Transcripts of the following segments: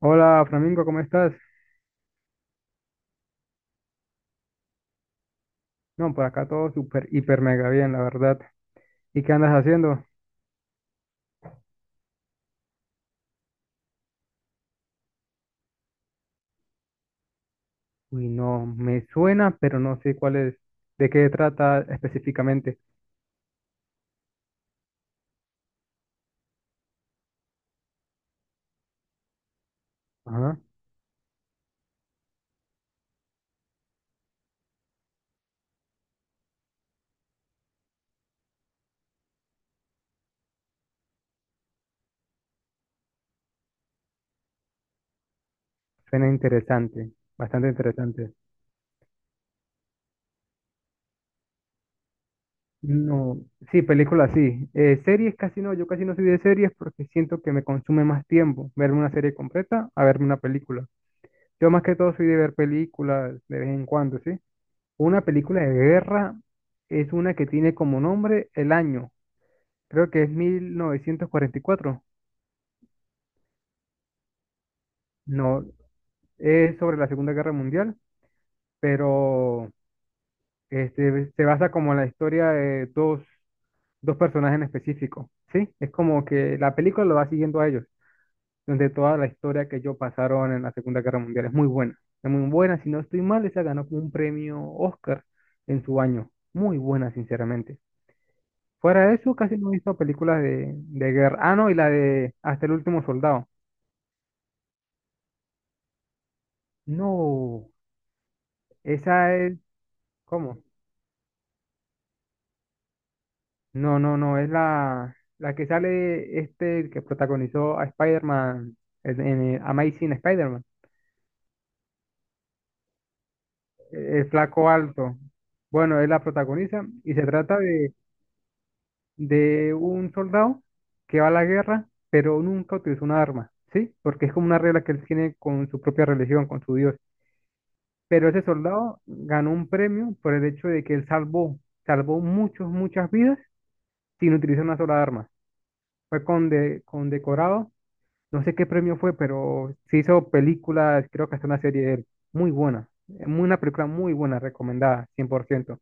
Hola, Flamingo, ¿cómo estás? No, por acá todo súper, hiper, mega bien, la verdad. ¿Y qué andas haciendo? Uy, no, me suena, pero no sé cuál es, de qué trata específicamente. Ajá, suena interesante, bastante interesante. No, sí, películas sí. Series casi no, yo casi no soy de series porque siento que me consume más tiempo verme una serie completa a verme una película. Yo más que todo soy de ver películas de vez en cuando, ¿sí? Una película de guerra es una que tiene como nombre el año. Creo que es 1944. No, es sobre la Segunda Guerra Mundial, pero este, se basa como en la historia de dos personajes en específico, ¿sí? Es como que la película lo va siguiendo a ellos, donde toda la historia que ellos pasaron en la Segunda Guerra Mundial es muy buena. Es muy buena, si no estoy mal, esa ganó como un premio Oscar en su año. Muy buena, sinceramente. Fuera de eso, casi no he visto películas de guerra. Ah, no, y la de Hasta el último soldado. No, esa es... ¿Cómo? No, no, no, es la que sale este que protagonizó a Spider-Man en Amazing Spider-Man, el flaco alto. Bueno, él la protagoniza y se trata de un soldado que va a la guerra, pero nunca utilizó una arma, ¿sí? Porque es como una regla que él tiene con su propia religión, con su Dios. Pero ese soldado ganó un premio por el hecho de que él salvó muchos, muchas vidas sin utilizar una sola arma. Fue condecorado. No sé qué premio fue, pero se hizo películas, creo que hasta una serie de él. Muy buena. Una película muy buena, recomendada, 100%.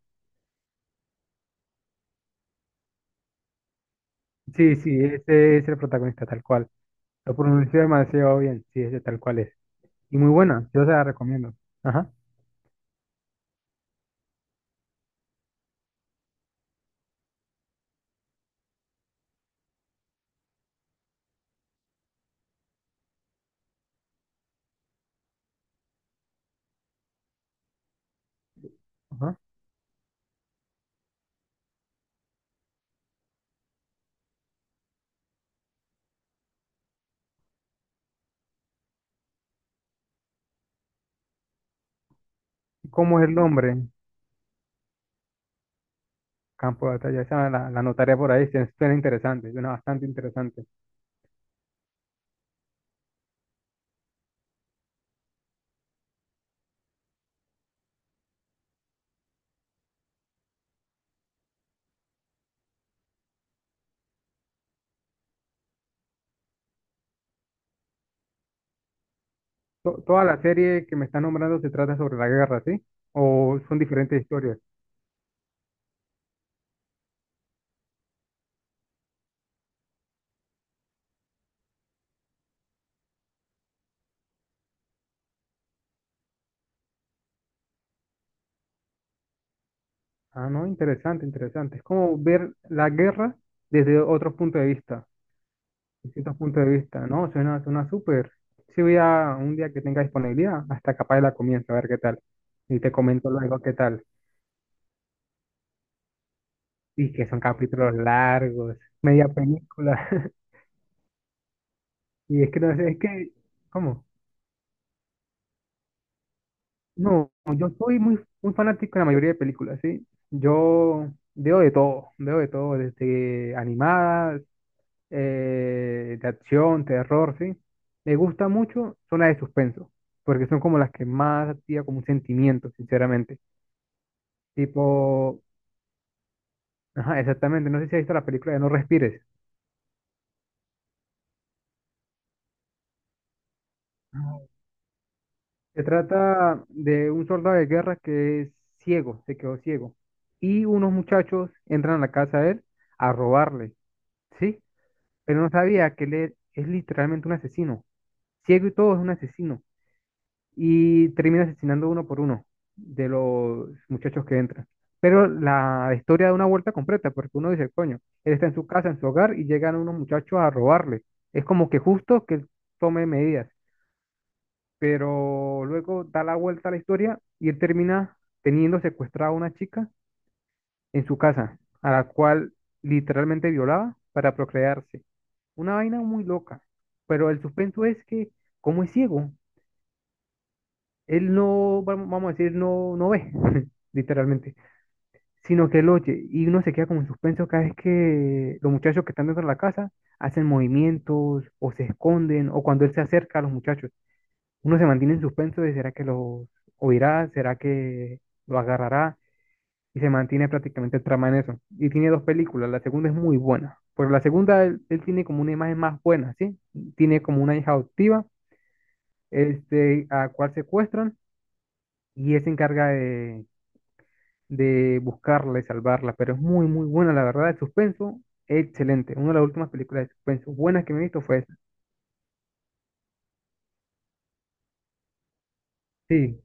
Sí, sí, ese es el protagonista, tal cual. Lo pronunció demasiado bien, sí, ese tal cual es. Y muy buena, yo se la recomiendo. Ajá, ajá. ¿Cómo es el nombre? Campo de batalla, esa la anotaré por ahí, suena interesante, suena bastante interesante. Toda la serie que me está nombrando se trata sobre la guerra, ¿sí? ¿O son diferentes historias? Ah, no, interesante, interesante. Es como ver la guerra desde otro punto de vista, distintos puntos de vista, ¿no? Suena, suena súper. Si voy a un día que tenga disponibilidad, hasta capaz la comienzo, a ver qué tal. Y te comento luego qué tal. Y que son capítulos largos, media película. Y es que no sé, es que, ¿cómo? No, yo soy muy, muy fanático de la mayoría de películas, ¿sí? Yo veo de todo, desde animadas de acción, terror, ¿sí? Me gusta mucho son las de suspenso, porque son como las que más activan como un sentimiento, sinceramente. Tipo, ajá, exactamente, no sé si has visto la película de No Respires. Ah. Se trata de un soldado de guerra que es ciego, se quedó ciego. Y unos muchachos entran a la casa de él a robarle, ¿sí? Pero no sabía que él es literalmente un asesino. Ciego y todo es un asesino. Y termina asesinando uno por uno de los muchachos que entran. Pero la historia da una vuelta completa, porque uno dice, coño, él está en su casa, en su hogar, y llegan unos muchachos a robarle. Es como que justo que él tome medidas, pero luego da la vuelta a la historia y él termina teniendo secuestrada a una chica en su casa, a la cual literalmente violaba para procrearse. Una vaina muy loca, pero el suspenso es que, ¿cómo es ciego, él no, vamos a decir, no, no ve, literalmente, sino que él oye y uno se queda como en suspenso cada vez que los muchachos que están dentro de la casa hacen movimientos o se esconden o cuando él se acerca a los muchachos, uno se mantiene en suspenso de será que los oirá, será que lo agarrará y se mantiene prácticamente el trama en eso. Y tiene dos películas, la segunda es muy buena, pero la segunda él tiene como una imagen más buena, ¿sí? Tiene como una hija adoptiva, este, a cual secuestran y él se encarga de buscarla y salvarla, pero es muy, muy buena, la verdad. El suspenso, excelente. Una de las últimas películas de suspenso buenas que me he visto fue esa. Sí,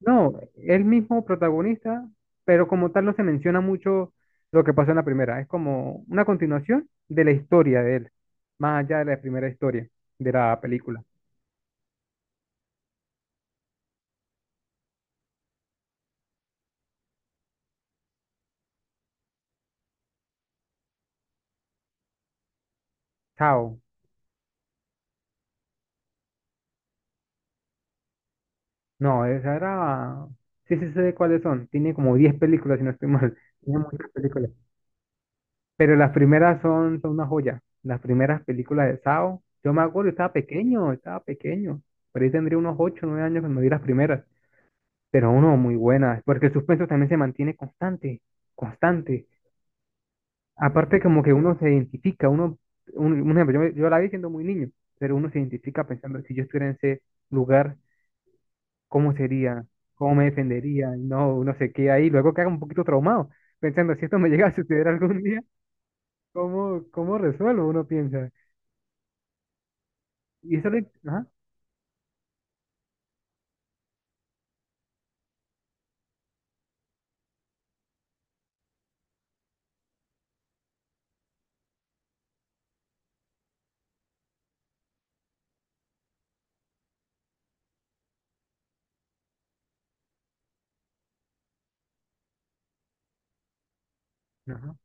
no, el mismo protagonista, pero como tal no se menciona mucho lo que pasó en la primera. Es como una continuación de la historia de él, más allá de la primera historia de la película. Chao. No, esa era... Sí, sí sé cuáles son. Tiene como 10 películas, si no estoy mal. Tiene muchas películas. Pero las primeras son una joya. Las primeras películas de Sao. Yo me acuerdo, estaba pequeño, estaba pequeño. Por ahí tendría unos 8 9 años cuando vi las primeras. Pero uno, muy buenas. Porque el suspenso también se mantiene constante, constante. Aparte como que uno se identifica, uno, un ejemplo, yo, yo la vi siendo muy niño, pero uno se identifica pensando, si yo estuviera en ese lugar, ¿cómo sería? ¿Cómo me defendería? Y no, uno se queda ahí. Luego queda un poquito traumado, pensando, si esto me llega a suceder algún día, ¿cómo resuelvo? Uno piensa. Y eso le... Ajá, ajá,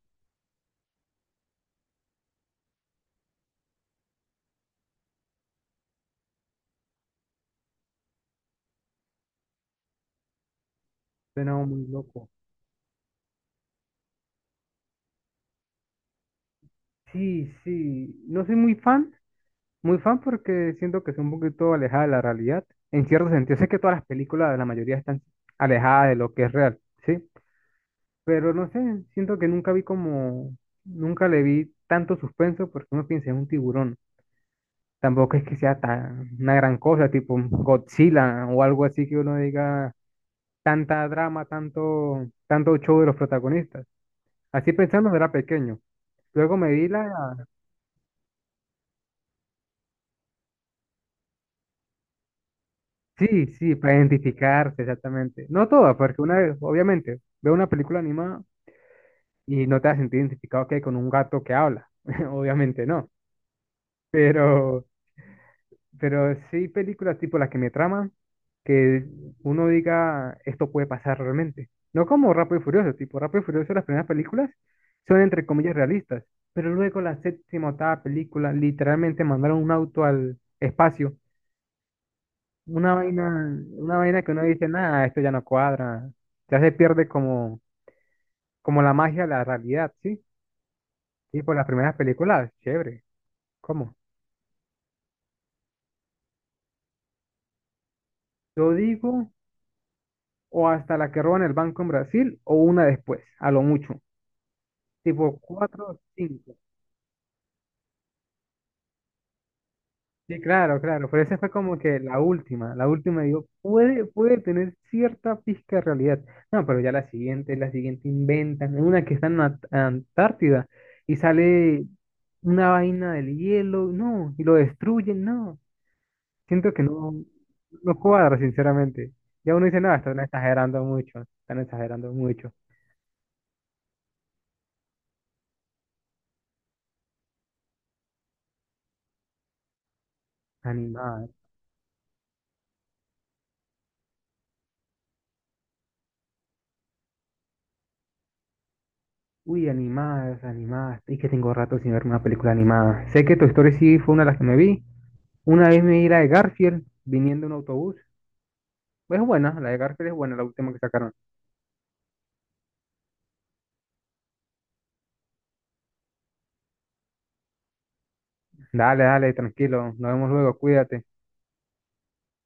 suena muy loco. Sí, sí, no soy muy fan porque siento que es un poquito alejada de la realidad. En cierto sentido, sé que todas las películas, la mayoría están alejadas de lo que es real, ¿sí? Pero no sé, siento que nunca vi como, nunca le vi tanto suspenso porque uno piensa en un tiburón. Tampoco es que sea tan una gran cosa, tipo un Godzilla o algo así que uno diga tanta drama, tanto, tanto show de los protagonistas. Así pensando era pequeño. Luego me vi la... Sí, sí, para identificarse, exactamente. No todas, porque una vez, obviamente, veo una película animada y no te has sentido identificado que con un gato que habla. Obviamente no. Pero, pero sí películas tipo las que me traman, que, uno diga, esto puede pasar realmente. No como Rápido y Furioso, tipo Rápido y Furioso, las primeras películas son entre comillas realistas, pero luego la séptima, octava película literalmente mandaron un auto al espacio. Una vaina, una vaina que uno dice, nada, esto ya no cuadra. Ya se pierde como, como la magia de la realidad, ¿sí? Y por las primeras películas, chévere. ¿Cómo? Yo digo, o hasta la que roban el banco en Brasil, o una después, a lo mucho. Tipo cuatro o cinco. Sí, claro, claro, pero esa fue como que la última, digo, puede tener cierta pizca de realidad. No, pero ya la siguiente inventan, una que está en la Antártida y sale una vaina del hielo, no, y lo destruyen, no. Siento que no, no cuadra, sinceramente. Ya uno dice, no, están exagerando mucho, están exagerando mucho. Animadas, uy, animadas, animadas, y que tengo rato sin ver una película animada. Sé que Toy Story sí fue una de las que me vi. Una vez me di la de Garfield viniendo en un autobús. Es buena, la de Garfield es buena, la última que sacaron. Dale, dale, tranquilo. Nos vemos luego, cuídate.